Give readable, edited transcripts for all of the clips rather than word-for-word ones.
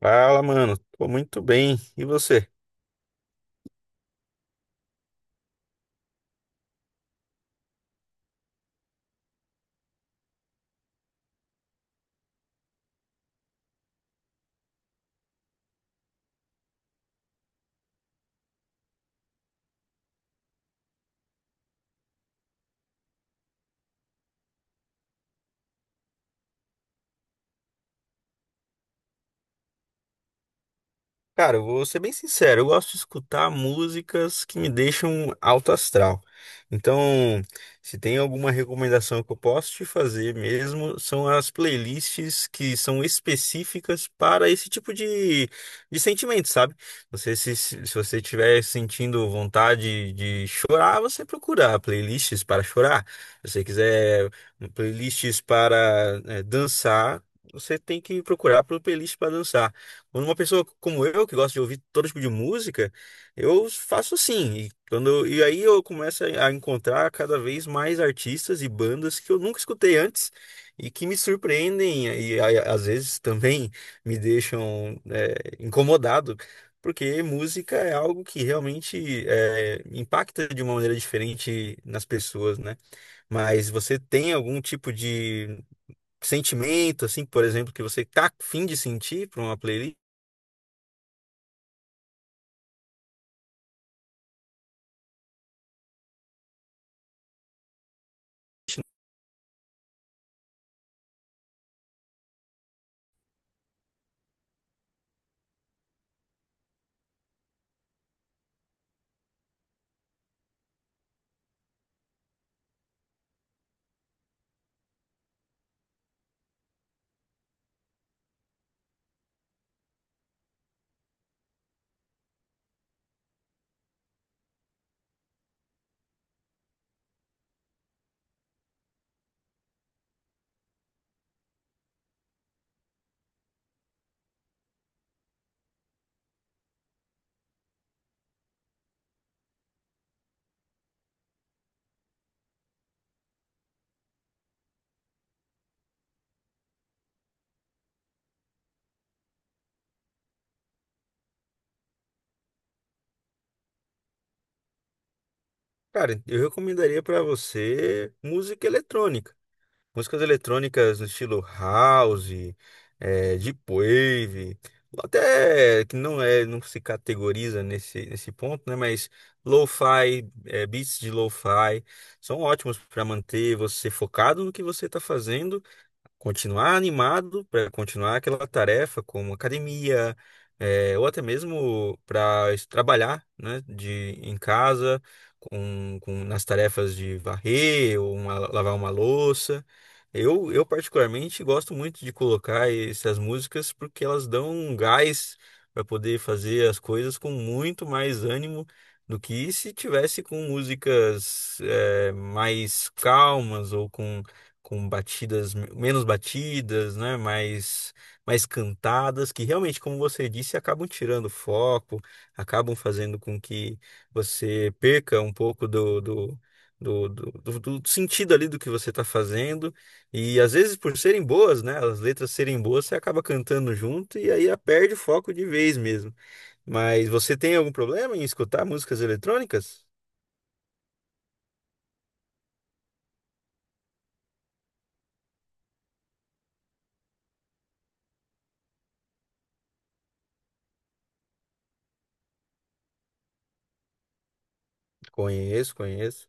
Fala, mano. Tô muito bem. E você? Cara, eu vou ser bem sincero, eu gosto de escutar músicas que me deixam alto astral. Então, se tem alguma recomendação que eu posso te fazer mesmo, são as playlists que são específicas para esse tipo de sentimento, sabe? Você, se você estiver sentindo vontade de chorar, você procura playlists para chorar. Se você quiser playlists para dançar, você tem que procurar por playlist para dançar. Quando uma pessoa como eu, que gosta de ouvir todo tipo de música, eu faço assim. E aí eu começo a encontrar cada vez mais artistas e bandas que eu nunca escutei antes e que me surpreendem e às vezes também me deixam incomodado, porque música é algo que realmente impacta de uma maneira diferente nas pessoas, né? Mas você tem algum tipo de sentimento, assim, por exemplo, que você tá a fim de sentir para uma playlist? Cara, eu recomendaria para você música eletrônica. Músicas eletrônicas no estilo house, deep wave, ou até que não é, não se categoriza nesse ponto, né? Mas lo-fi, beats de lo-fi são ótimos para manter você focado no que você está fazendo continuar animado para continuar aquela tarefa como academia, ou até mesmo para trabalhar, né, de em casa com nas tarefas de varrer ou lavar uma louça. Eu particularmente gosto muito de colocar essas músicas porque elas dão um gás para poder fazer as coisas com muito mais ânimo do que se tivesse com músicas mais calmas ou com batidas menos batidas, né, mais cantadas, que realmente, como você disse, acabam tirando o foco, acabam fazendo com que você perca um pouco Do, do, do sentido ali do que você está fazendo e às vezes por serem boas, né, as letras serem boas, você acaba cantando junto e aí perde o foco de vez mesmo. Mas você tem algum problema em escutar músicas eletrônicas? Conheço, conheço.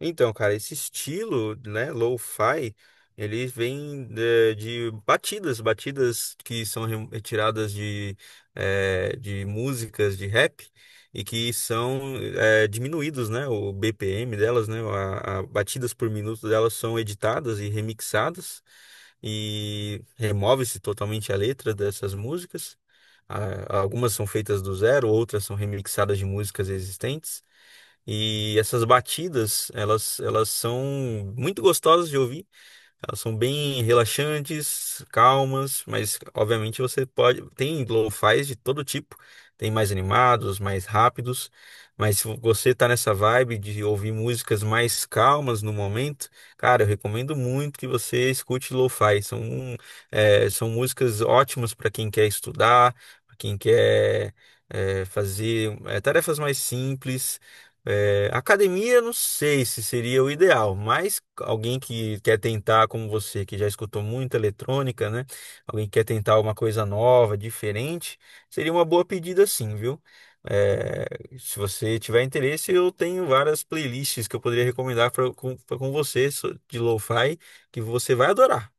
Então, cara, esse estilo, né, lo-fi, ele vem de batidas que são retiradas de músicas de rap e que são diminuídos, né, o BPM delas, né, a batidas por minuto delas são editadas e remixadas e remove-se totalmente a letra dessas músicas. Ah, algumas são feitas do zero, outras são remixadas de músicas existentes. E essas batidas, elas são muito gostosas de ouvir. Elas são bem relaxantes, calmas, mas obviamente você pode. Tem lo-fis de todo tipo. Tem mais animados, mais rápidos. Mas se você tá nessa vibe de ouvir músicas mais calmas no momento, cara, eu recomendo muito que você escute lo-fi. São músicas ótimas para quem quer estudar, para quem quer, fazer, tarefas mais simples. Academia, não sei se seria o ideal, mas alguém que quer tentar, como você, que já escutou muita eletrônica, né? Alguém que quer tentar uma coisa nova, diferente, seria uma boa pedida, sim, viu? É, Se você tiver interesse, eu tenho várias playlists que eu poderia recomendar de lo-fi que você vai adorar.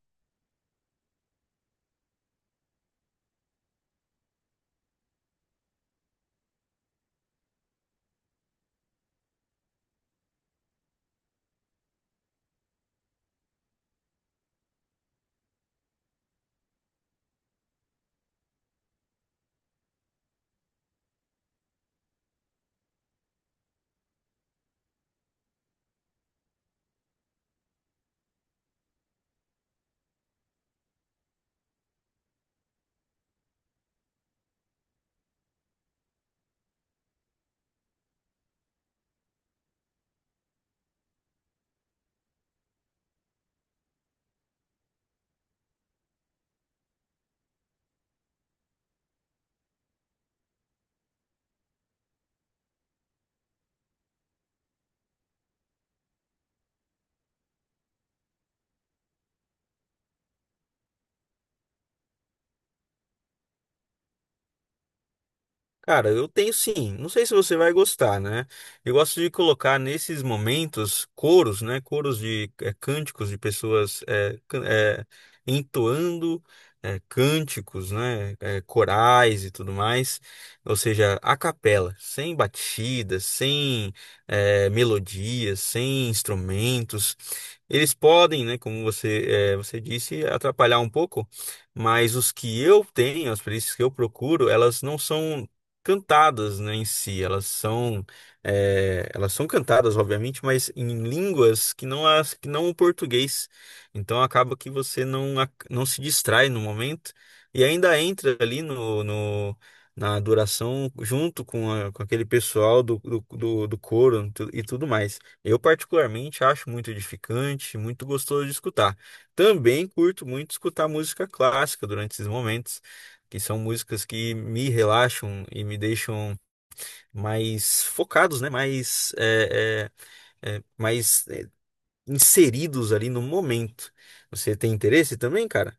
Cara, eu tenho sim. Não sei se você vai gostar, né? Eu gosto de colocar nesses momentos coros, né? Coros de cânticos de pessoas entoando cânticos, né? Corais e tudo mais. Ou seja, a capela, sem batidas, sem melodias, sem instrumentos. Eles podem, né? Como você disse, atrapalhar um pouco. Mas os que eu tenho, as playlists que eu procuro, elas não são cantadas, né, em si. Elas são cantadas, obviamente, mas em línguas que não o português. Então acaba que você não se distrai no momento e ainda entra ali na adoração junto com aquele pessoal do coro e tudo mais. Eu particularmente acho muito edificante, muito gostoso de escutar. Também curto muito escutar música clássica durante esses momentos que são músicas que me relaxam e me deixam mais focados, né? Mais, é, é, é, mais é, inseridos ali no momento. Você tem interesse também, cara?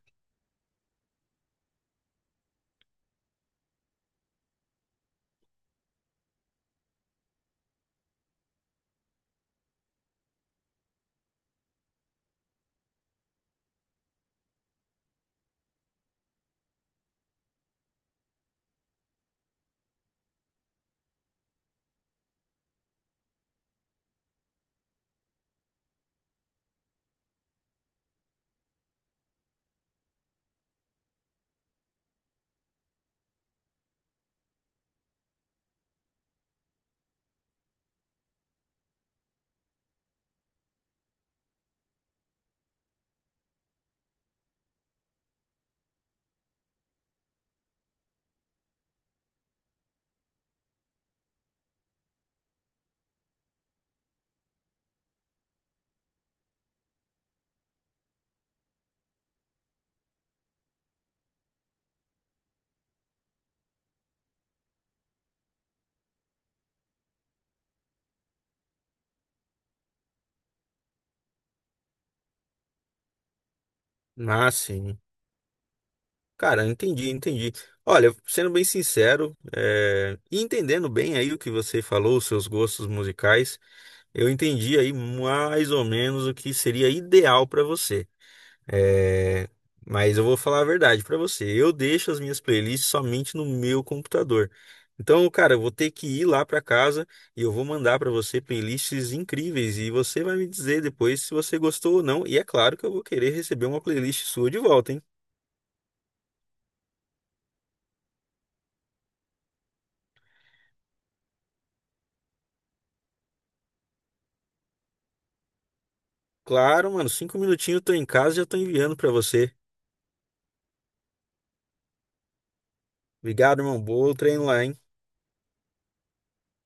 Ah, sim. Cara, entendi, entendi. Olha, sendo bem sincero, e entendendo bem aí o que você falou, os seus gostos musicais, eu entendi aí mais ou menos o que seria ideal para você. É, mas eu vou falar a verdade pra você. Eu deixo as minhas playlists somente no meu computador. Então, cara, eu vou ter que ir lá pra casa e eu vou mandar pra você playlists incríveis e você vai me dizer depois se você gostou ou não. E é claro que eu vou querer receber uma playlist sua de volta, hein? Claro, mano. 5 minutinhos eu tô em casa e já tô enviando pra você. Obrigado, irmão. Bom treino lá, hein?